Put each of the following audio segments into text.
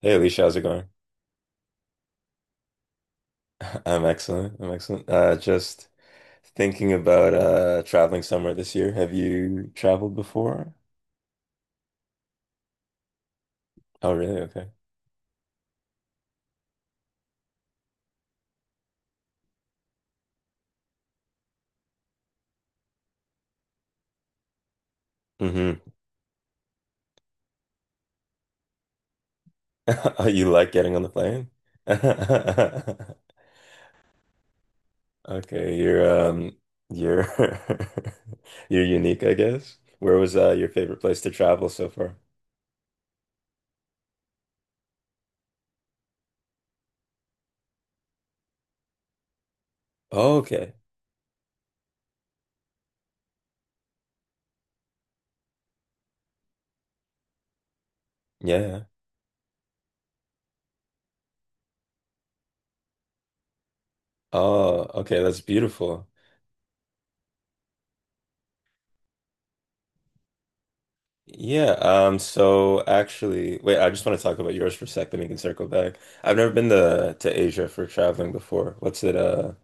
Hey Alicia, how's it going? I'm excellent. I'm excellent. Just thinking about traveling somewhere this year. Have you traveled before? Oh, really? Okay. Mm-hmm. Oh, you like getting on the plane? Okay, you're you're you're unique, I guess. Where was your favorite place to travel so far? Oh, okay. Yeah. Oh, okay. That's beautiful. Yeah, so actually, wait, I just want to talk about yours for a sec, then we can circle back. I've never been to Asia for traveling before. What's it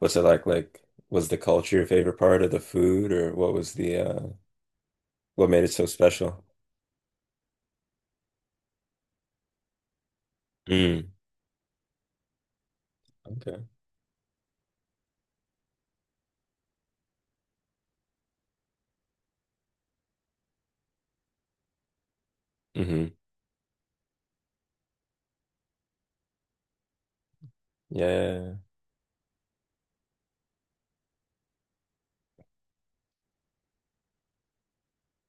what's it like? Like, was the culture your favorite part of the food, or what was the what made it so special? Mm. Okay. Hmm. Yeah.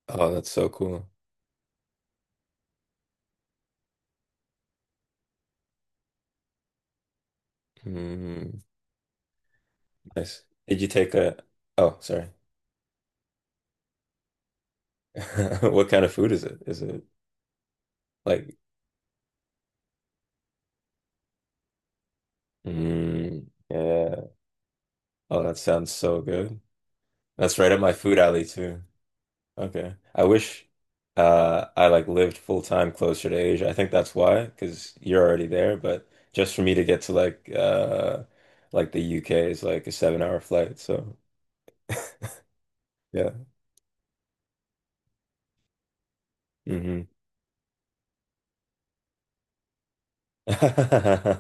Oh, that's so cool. Mm. Nice. Did you take a oh, sorry. What kind of food is it? Is it like mm, yeah. Oh, that sounds so good. That's right up my food alley too. Okay. I wish I like lived full time closer to Asia. I think that's why, because you're already there, but just for me to get to like like the UK is like a 7 hour flight. So yeah. Hmm.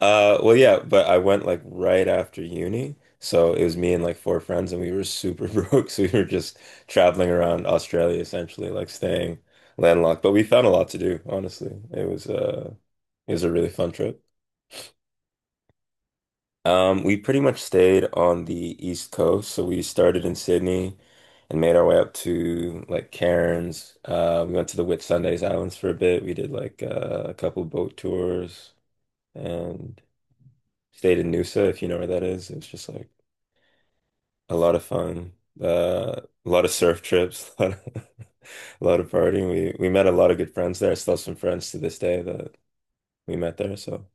Well yeah, but I went like right after uni. So it was me and like four friends and we were super broke. So we were just traveling around Australia essentially, like staying landlocked. But we found a lot to do, honestly. It was it was a really fun trip. We pretty much stayed on the East Coast, so we started in Sydney and made our way up to like Cairns. We went to the Whitsundays Islands for a bit. We did like a couple boat tours and stayed in Noosa, if you know where that is. It was just like a lot of fun. A lot of surf trips, a lot of partying. We met a lot of good friends there. Still some friends to this day that we met there, so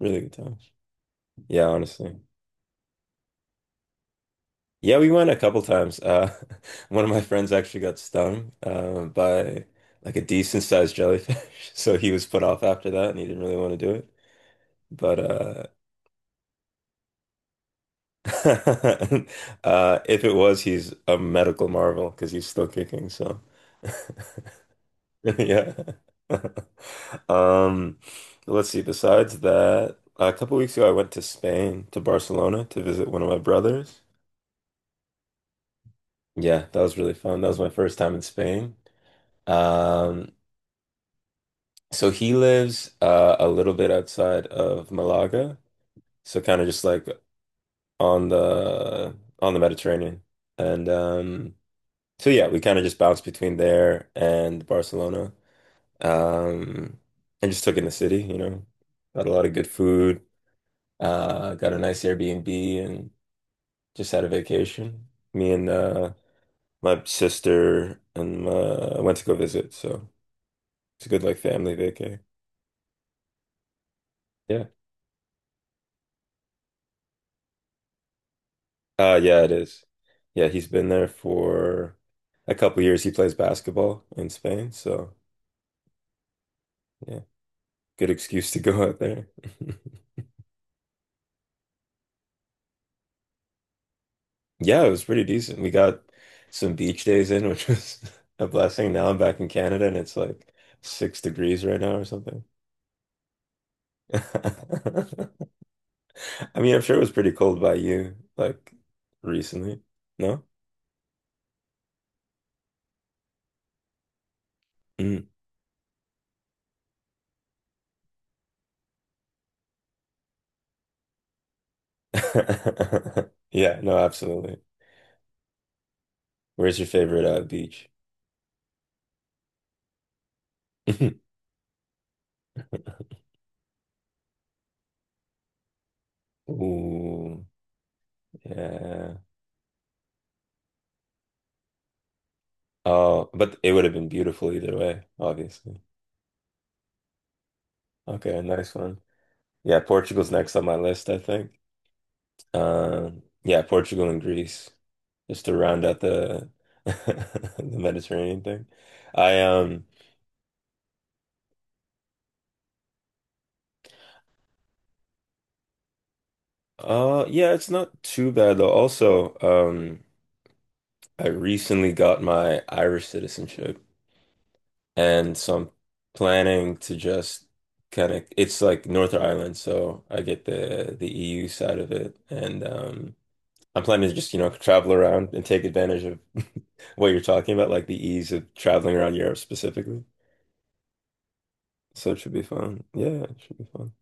really good times. Yeah, honestly. Yeah, we went a couple times. One of my friends actually got stung by like a decent sized jellyfish, so he was put off after that, and he didn't really want to do it. But if it was, he's a medical marvel because he's still kicking. So yeah. Um, let's see. Besides that, a couple weeks ago, I went to Spain to Barcelona to visit one of my brothers. Yeah, that was really fun. That was my first time in Spain. Um, So he lives a little bit outside of Malaga, so kind of just like on the Mediterranean. And so yeah, we kind of just bounced between there and Barcelona, um, and just took in the city. You know, got a lot of good food, got a nice Airbnb, and just had a vacation. Me and my sister and went to go visit, so it's a good like family vacay. Yeah. Uh, yeah, it is. Yeah, he's been there for a couple years. He plays basketball in Spain, so yeah, good excuse to go out there. Yeah, it was pretty decent. We got some beach days in, which was a blessing. Now I'm back in Canada and it's like 6 degrees right now or something. I mean, I'm sure it was pretty cold by you, like recently. No? Mm. Yeah, no, absolutely. Where's your favorite beach? Ooh. Yeah. Oh, but it would have been beautiful either way, obviously. Okay, nice one. Yeah, Portugal's next on my list, I think. Yeah, Portugal and Greece, just to round out the the Mediterranean thing. I yeah, it's not too bad though. Also, um, I recently got my Irish citizenship and so I'm planning to just kind of it's like Northern Ireland, so I get the EU side of it, and um, I'm planning to just, you know, travel around and take advantage of what you're talking about, like the ease of traveling around Europe specifically. So it should be fun. Yeah, it should be fun.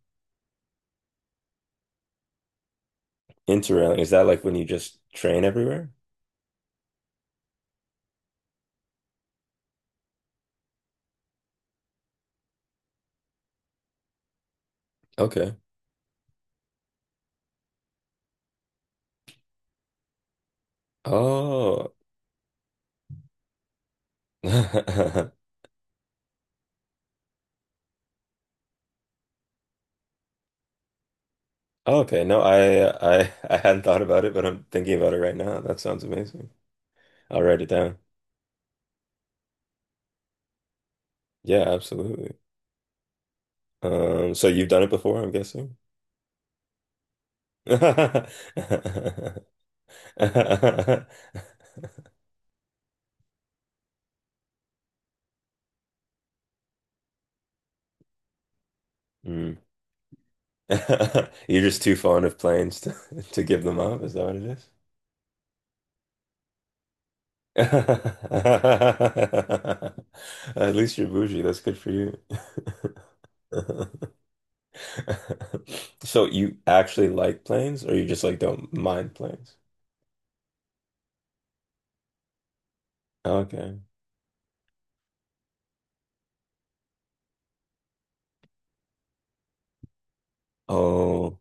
Interrailing, is that like when you just train everywhere? Okay. Oh. Okay. No, I hadn't thought about it, but I'm thinking about it right now. That sounds amazing. I'll write it down. Yeah, absolutely. So you've done it before, I'm guessing. Hmm. You're just too fond of planes to, to give them up. Is that what it is? At least you're bougie. That's good for you. So you actually like planes, or you just like don't mind planes? Okay. Oh,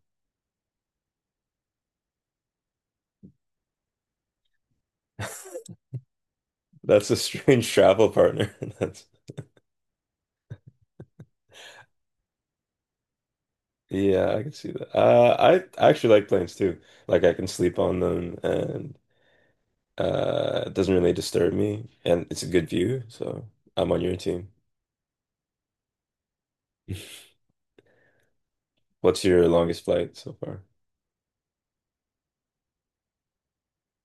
that's a strange travel partner. That's yeah, I can see that. I actually like planes too. Like I can sleep on them, and uh, it doesn't really disturb me, and it's a good view, so I'm on your team. What's your longest flight so far?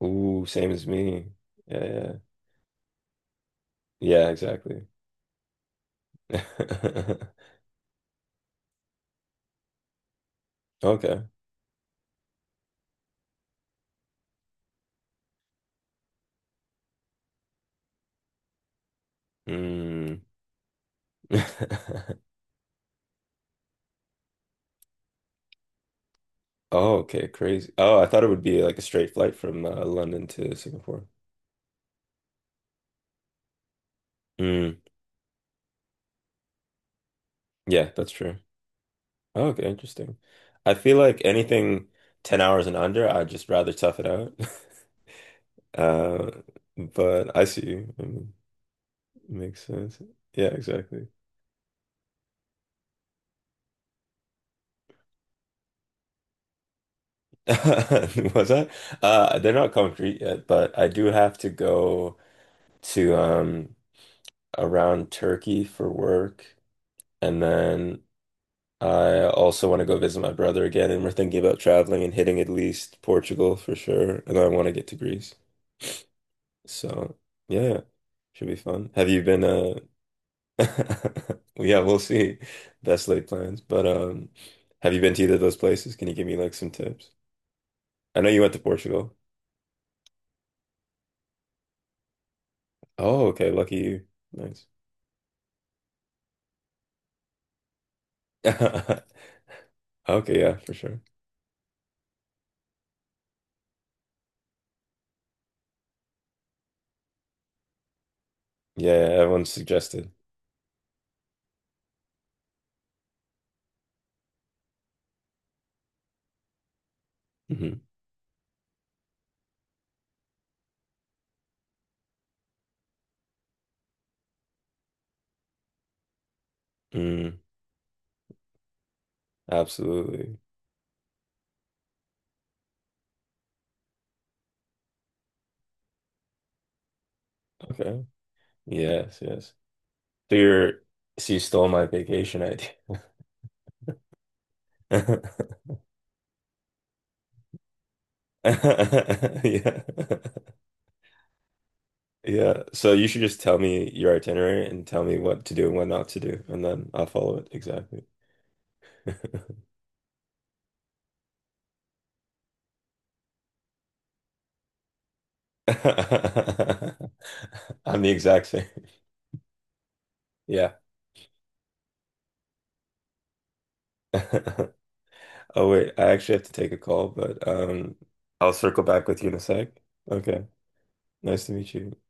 Ooh, same as me. Yeah, yeah. Yeah, exactly. Okay. Mm. Oh, okay, crazy. Oh, I thought it would be like a straight flight from London to Singapore. Mm. Yeah, that's true. Oh, okay, interesting. I feel like anything 10 hours and under, I'd just rather tough it out. Uh, but I see you. Makes sense. Yeah, exactly. Was that? They're not concrete yet, but I do have to go to um, around Turkey for work, and then I also want to go visit my brother again, and we're thinking about traveling and hitting at least Portugal for sure, and I want to get to Greece. So yeah, should be fun. Have you been? Yeah, we'll see. Best laid plans, but have you been to either of those places? Can you give me like some tips? I know you went to Portugal. Oh, okay. Lucky you. Nice. Okay, yeah, for sure. Yeah, yeah, everyone suggested. Hmm. Mm, absolutely. Okay. Yes, yes. So you're, so you stole my vacation idea. Yeah. Yeah. So you should just tell me your itinerary and tell me what to do and what not to do, and then I'll follow it exactly. I'm the exact same. Yeah. Oh wait, I actually have to take a call, but um, I'll circle back with you in a sec. Okay. Nice to meet you.